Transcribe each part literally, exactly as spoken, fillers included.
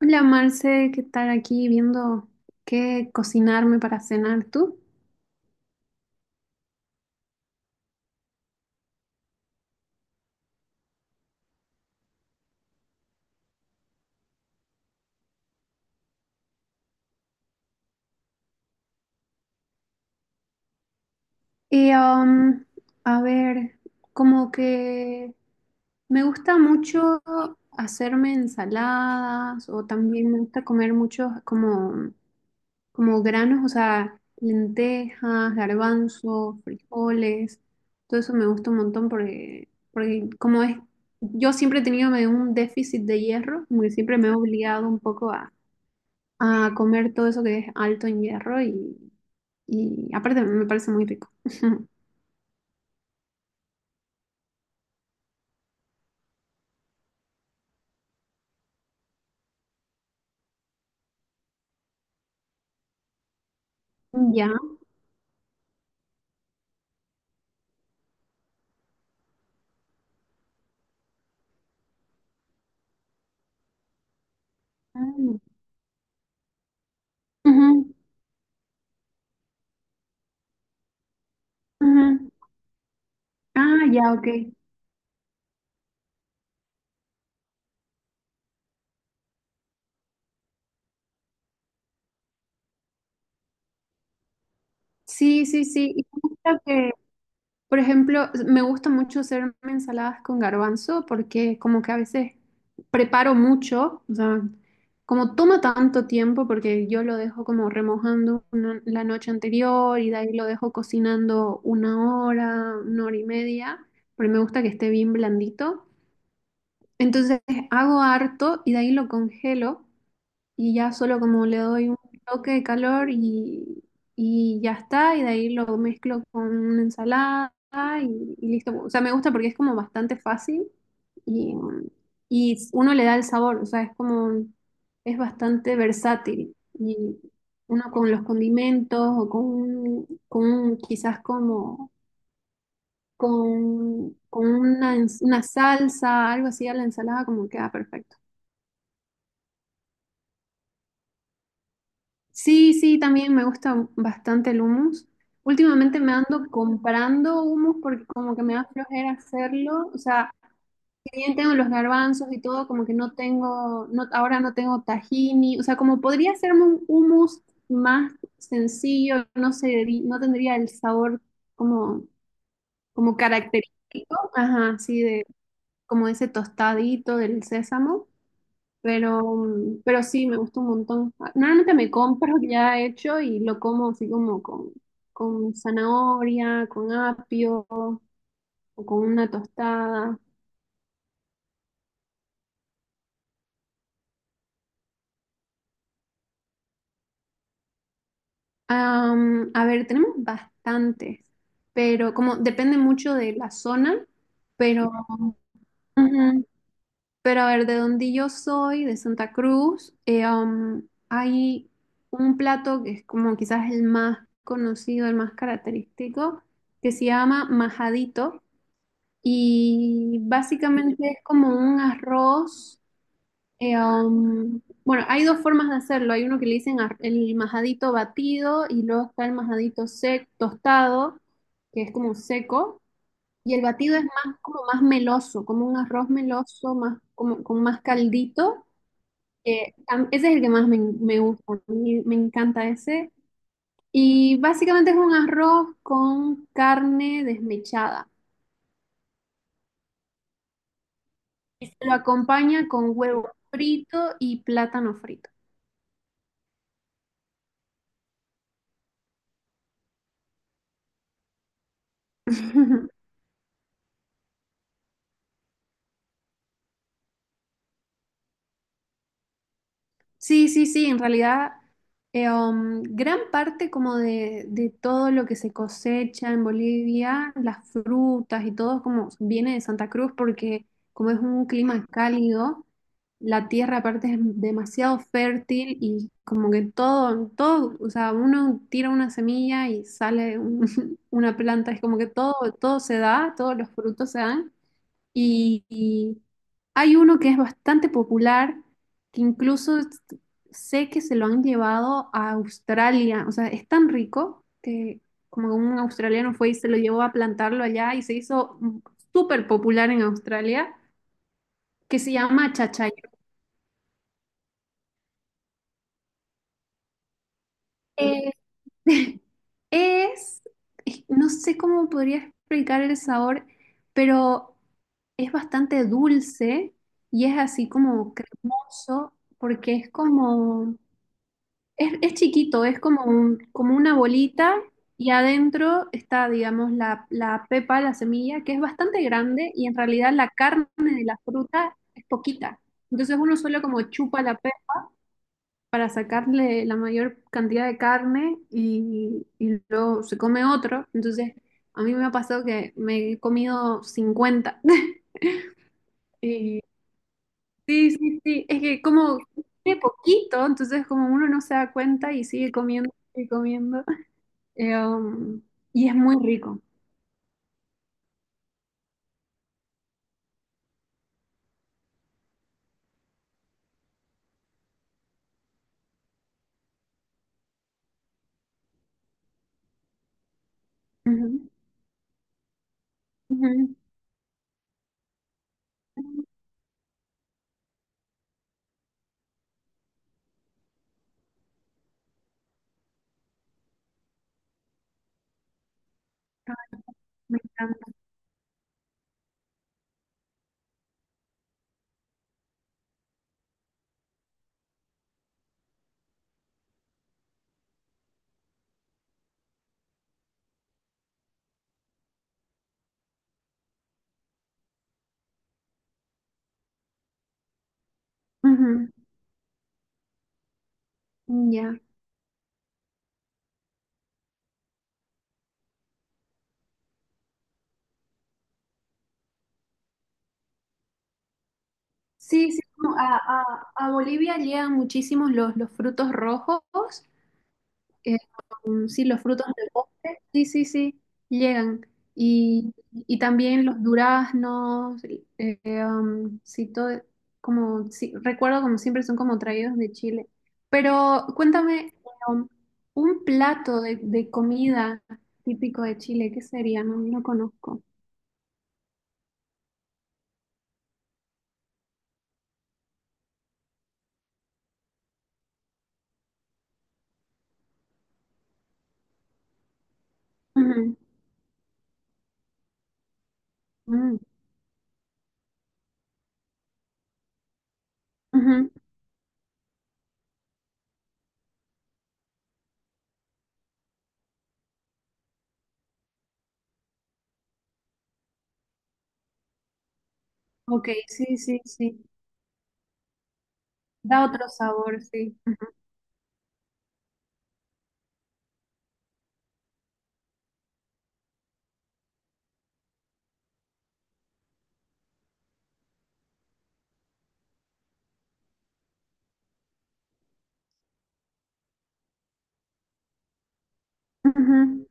Hola Marce, ¿qué tal aquí viendo qué cocinarme para cenar tú? Y um, a ver, como que me gusta mucho hacerme ensaladas o también me gusta comer muchos como, como granos, o sea, lentejas, garbanzos, frijoles, todo eso me gusta un montón porque, porque como es, yo siempre he tenido medio un déficit de hierro, como que siempre me he obligado un poco a a comer todo eso que es alto en hierro y, y aparte me parece muy rico. Ya. Mm. Ujú, ujú. Ah, ya, ok. Sí, sí, sí. Y me gusta que, por ejemplo, me gusta mucho hacerme ensaladas con garbanzo porque como que a veces preparo mucho, o sea, como toma tanto tiempo porque yo lo dejo como remojando una- la noche anterior y de ahí lo dejo cocinando una hora, una hora y media, pero me gusta que esté bien blandito. Entonces hago harto y de ahí lo congelo y ya solo como le doy un toque de calor y, y ya está, y de ahí lo mezclo con una ensalada y, y listo. O sea, me gusta porque es como bastante fácil y, y uno le da el sabor, o sea, es como, es bastante versátil y uno con los condimentos o con, un- con un- quizás como con, con una, ens- una salsa, algo así a la ensalada, como queda perfecto. Sí, sí, también me gusta bastante el hummus. Últimamente me ando comprando hummus porque como que me da flojera hacerlo. O sea, si bien tengo los garbanzos y todo, como que no tengo, no, ahora no tengo tahini. O sea, como podría hacerme un hummus más sencillo, no sé, no tendría el sabor como, como característico, ajá, sí, de, como ese tostadito del sésamo. Pero, mm, pero sí, me gusta un montón. Ah, normalmente me compro ya hecho y lo como así como con, con zanahoria, con apio o con una tostada. Am, a ver, tenemos bastantes, pero como depende mucho de la zona, pero ujú, pero a ver, de donde yo soy, de Santa Cruz, eh, um, hay un plato que es como quizás el más conocido, el más característico, que se llama majadito. Y básicamente es como un arroz. Eh, um, bueno, hay dos formas de hacerlo. Hay uno que le dicen ar- el majadito batido y luego está el majadito sec, tostado, que es como seco. Y el batido es más como más meloso, como un arroz meloso, más como con más caldito. Eh, tam- ese es el que más me, me gusta, a mí me encanta ese. Y básicamente es un arroz con carne desmechada. Y se lo acompaña con huevo frito y plátano frito. Sí, sí, sí, en realidad eh, um, gran parte como de, de todo lo que se cosecha en Bolivia, las frutas y todo como viene de Santa Cruz porque como es un clima cálido, la tierra aparte es demasiado fértil y como que todo, todo, o sea, uno tira una semilla y sale un- una planta, es como que todo, todo se da, todos los frutos se dan. Y, y hay uno que es bastante popular, que incluso s- sé que se lo han llevado a Australia. O sea, es tan rico que como un australiano fue y se lo llevó a plantarlo allá y se hizo mm, súper popular en Australia, que se llama chachayo. Eh, es, es- no sé cómo podría explicar el sabor, pero es bastante dulce y es así como cremoso porque es como... Es, es chiquito, es como un, como una bolita y adentro está, digamos, la, la pepa, la semilla, que es bastante grande y en realidad la carne de la fruta es poquita. Entonces uno solo como chupa la pepa para sacarle la mayor cantidad de carne y, y luego se come otro. Entonces a mí me ha pasado que me he comido cincuenta. Y sí, sí, sí, es que como tiene poquito, entonces como uno no se da cuenta y sigue comiendo, sigue comiendo. Eh, um, y es muy rico. Ujú, ujú. Me encanta. Ujú, mm, ya. Sí, sí, como a, a- a Bolivia llegan muchísimos los, los frutos rojos. Eh, um, sí, los frutos del bosque, sí, sí, sí, llegan. Y, y también los duraznos, eh, eh, um, sí, todo, como, sí, recuerdo como siempre son como traídos de Chile. Pero cuéntame, um, un plato de, de comida típico de Chile, ¿qué sería? No, no conozco. Ujú, mm, ujú. Ok, sí, sí, sí. Da otro sabor, sí. Ujú,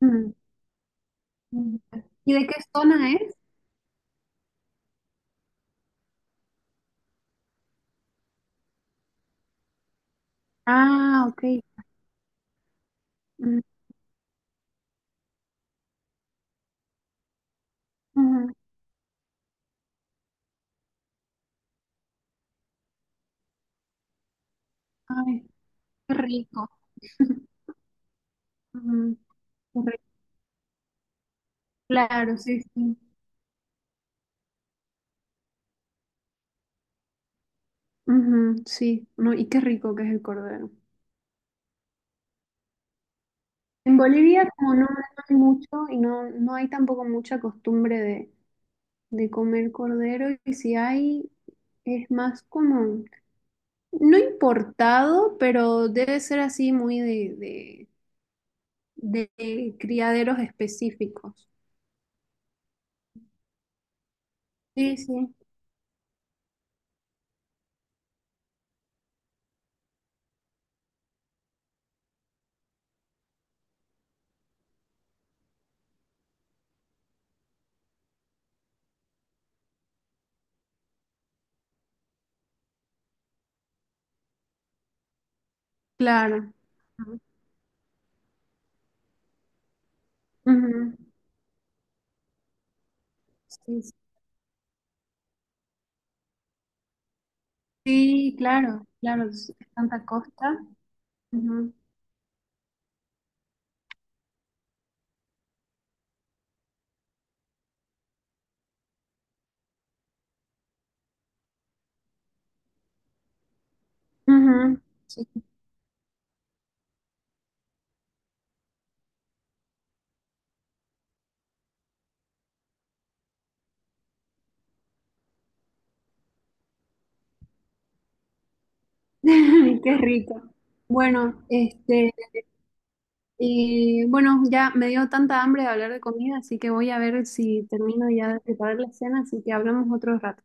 ujú, ujú. ¿Y de qué zona es? Ah, ok. Mm, ujú. Ay, qué rico. Ujú, qué rico. Claro, sí, sí. Ujú, sí, no, y qué rico que es el cordero. En Bolivia como no no hay mucho y no, no hay tampoco mucha costumbre de, de comer cordero y si hay es más como, no importado, pero debe ser así muy de, de, de criaderos específicos. Sí, sí, claro. Ujú. Sí, sí. Sí, claro, claro, es tanta costa. Ujú, ujú, sí. Qué rico. Bueno, este, y bueno, ya me dio tanta hambre de hablar de comida, así que voy a ver si termino ya de preparar la cena, así que hablamos otro rato.